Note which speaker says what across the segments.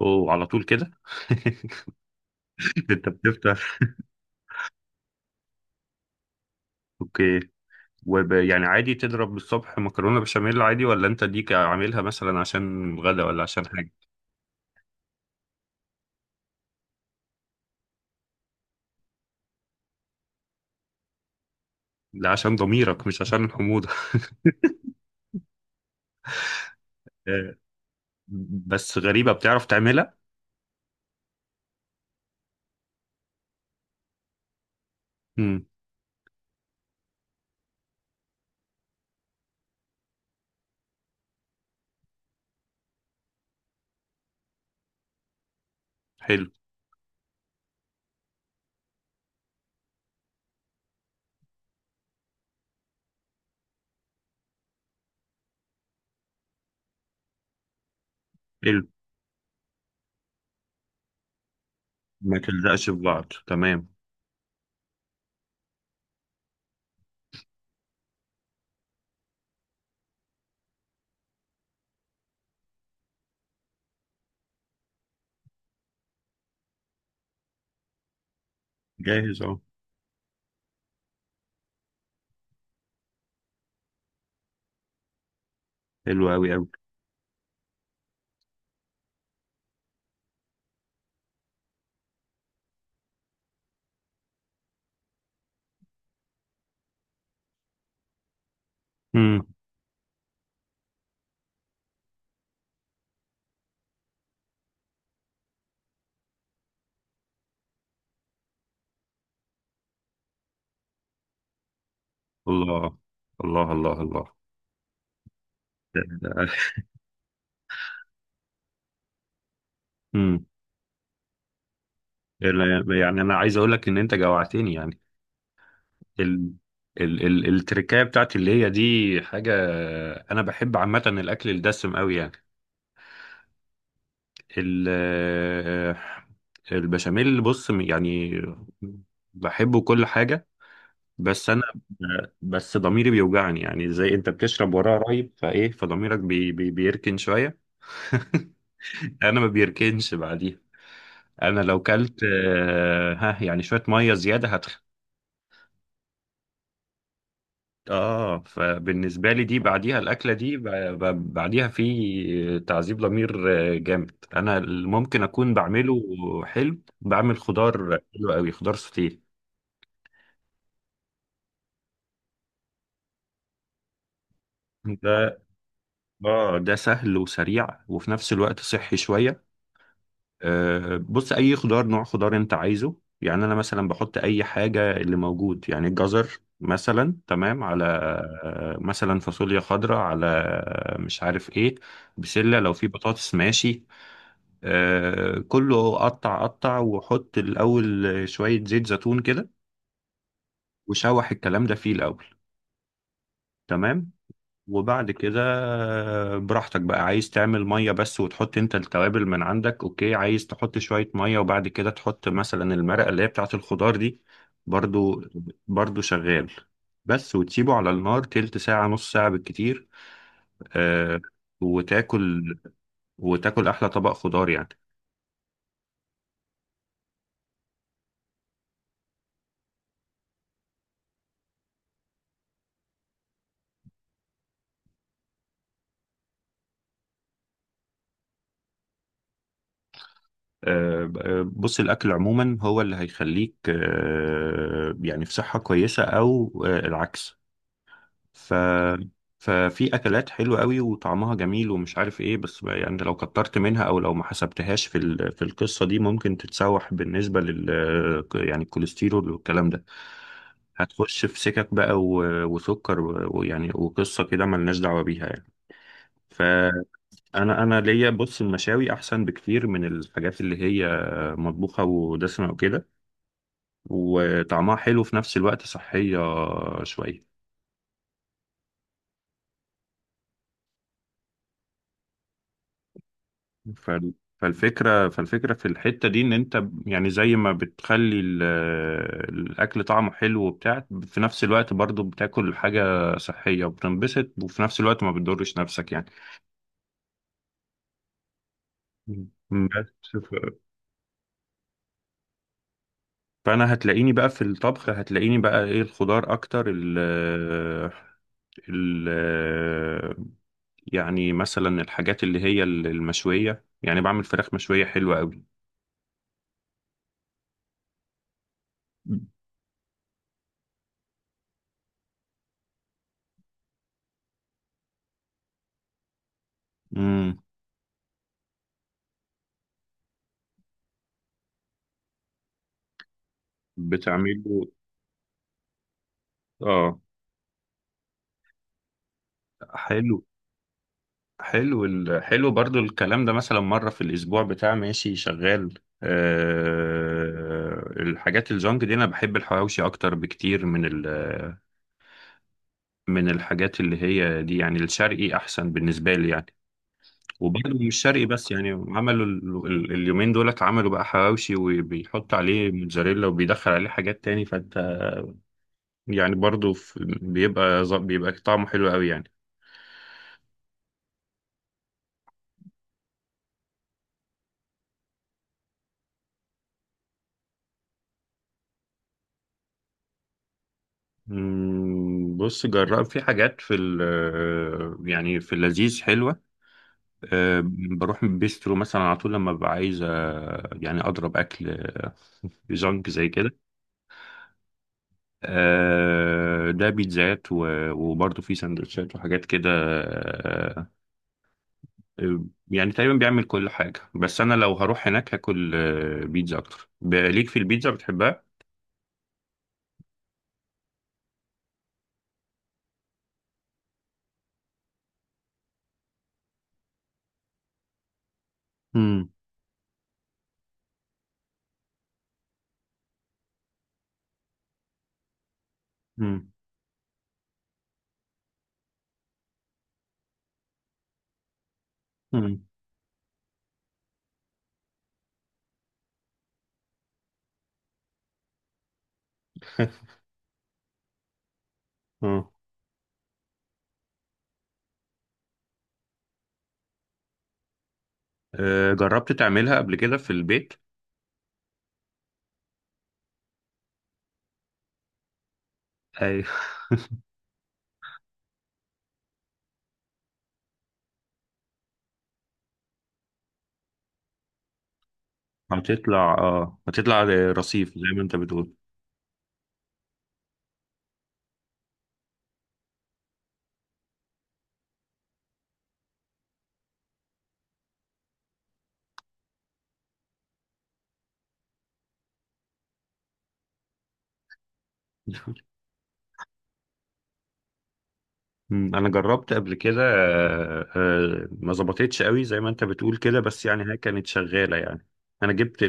Speaker 1: اوه، على طول كده. انت بتفتح، اوكي. يعني عادي تضرب الصبح مكرونه بشاميل، عادي ولا انت ديك عاملها مثلا عشان غدا ولا عشان حاجه؟ لا عشان ضميرك، مش عشان الحموضه. آه، بس غريبه بتعرف تعملها. امم. حلو. حلو. ما تلزقش في بعض، تمام. جاهز اهو. حلو قوي قوي. امم. الله. الله الله الله. امم يعني انا عايز اقول لك ان انت جوعتني يعني. ال... التركايه بتاعتي اللي هي دي حاجه. انا بحب عامه الاكل الدسم قوي يعني. ال... البشاميل بص يعني، بحبه كل حاجه. بس انا بس ضميري بيوجعني يعني، زي انت بتشرب وراه رايب فايه فضميرك بيركن شويه. انا ما بيركنش بعديها. انا لو كلت ها، يعني شويه ميه زياده. اه، فبالنسبة لي دي بعديها الأكلة دي بعديها في تعذيب ضمير. جامد أنا اللي ممكن أكون بعمله. حلو، بعمل خضار حلو قوي، خضار سوتيه. ده اه ده سهل وسريع وفي نفس الوقت صحي شوية. بص، أي خضار، نوع خضار أنت عايزه يعني. أنا مثلا بحط أي حاجة اللي موجود يعني، الجزر مثلا تمام، على مثلا فاصوليا خضراء، على مش عارف ايه، بسلة، لو في بطاطس ماشي. كله قطع قطع، وحط الأول شوية زيت زيتون كده، وشوح الكلام ده فيه الأول، تمام. وبعد كده براحتك بقى، عايز تعمل مية بس وتحط انت التوابل من عندك، اوكي. عايز تحط شوية مية وبعد كده تحط مثلا المرقة اللي هي بتاعة الخضار دي، برضو. برضو شغال بس، وتسيبه على النار تلت ساعة نص ساعة بالكتير، آه، وتاكل. وتاكل أحلى طبق خضار يعني. بص، الأكل عموما هو اللي هيخليك يعني في صحة كويسة أو العكس. ف ففي أكلات حلوة قوي وطعمها جميل ومش عارف إيه، بس بقى يعني لو كترت منها أو لو ما حسبتهاش في في القصة دي، ممكن تتسوح بالنسبة يعني الكوليسترول والكلام ده، هتخش في سكك بقى وسكر ويعني، وقصة كده ملناش دعوة بيها يعني. فأنا أنا ليا، بص، المشاوي أحسن بكتير من الحاجات اللي هي مطبوخة ودسمة وكده، وطعمها حلو في نفس الوقت صحية شوية. ف- فالفكرة في الحتة دي، إن أنت يعني زي ما بتخلي الأكل طعمه حلو وبتاع، في نفس الوقت برضو بتاكل حاجة صحية وبتنبسط، وفي نفس الوقت ما بتضرش نفسك يعني. مم. فأنا هتلاقيني بقى في الطبخ، هتلاقيني بقى إيه، الخضار أكتر. ال ال يعني مثلا الحاجات اللي هي المشوية، يعني بعمل فراخ مشوية حلوة قوي. امم. بتعمله. اه. حلو. حلو برضو الكلام ده، مثلا مرة في الأسبوع بتاع، ماشي شغال. الحاجات الجونج دي أنا بحب الحواوشي أكتر بكتير من الحاجات اللي هي دي يعني، الشرقي أحسن بالنسبة لي يعني. وبرضه مش شرقي بس، يعني عملوا اليومين دولت عملوا بقى حواوشي وبيحط عليه موتزاريلا وبيدخل عليه حاجات تاني، فانت يعني برضه بيبقى طعمه حلو قوي يعني. مم، بص، جرب في حاجات في يعني في اللذيذ حلوة. أه، بروح بيسترو مثلا على طول لما ببقى عايز يعني أضرب أكل جانك زي كده. ده بيتزات وبرضه في سندوتشات وحاجات كده. يعني تقريبا بيعمل كل حاجة، بس أنا لو هروح هناك هاكل بيتزا أكتر. ليك في البيتزا بتحبها؟ مم. مم. مم. اه. جربت تعملها قبل كده في البيت؟ هتطلع رصيف زي ما انت بتقول. مم، انا جربت قبل كده ما ظبطتش قوي زي ما انت بتقول كده، بس يعني هي كانت شغاله يعني. انا جبت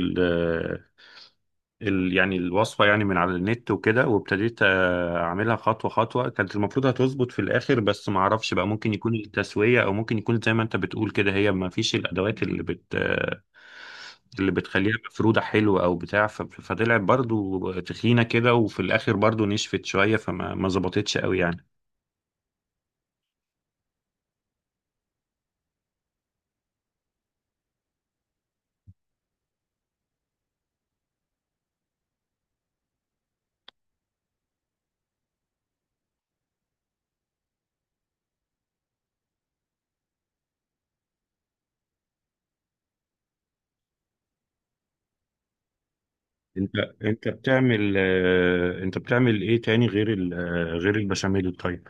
Speaker 1: يعني الوصفة يعني من على النت وكده، وابتديت أعملها خطوة خطوة. كانت المفروض هتظبط في الآخر، بس ما أعرفش بقى، ممكن يكون التسوية أو ممكن يكون زي ما أنت بتقول كده، هي ما فيش الأدوات اللي بت آه، اللي بتخليها مفرودة حلوة أو بتاع، فطلعت برضو تخينة كده، وفي الآخر برضو نشفت شوية، فما ما ظبطتش قوي يعني. أنت أنت بتعمل أنت بتعمل إيه تاني غير ال... آه، غير البشاميل، طيب؟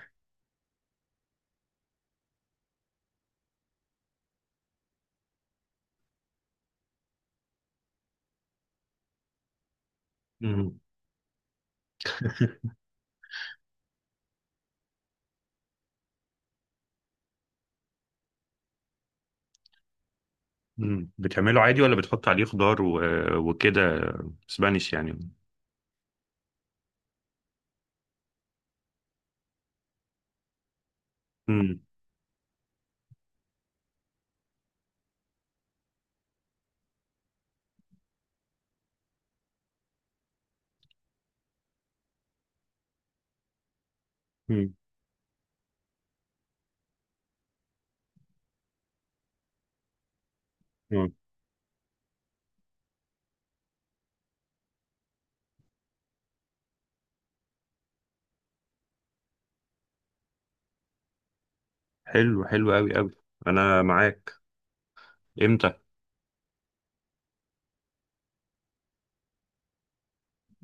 Speaker 1: مم. مم. بتعمله عادي ولا بتحط عليه خضار وكده، سبانيش يعني. مم. مم. مم. حلو. حلو قوي قوي. انا معاك. امتى؟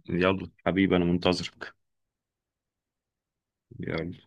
Speaker 1: يلا حبيبي، انا منتظرك. يلا.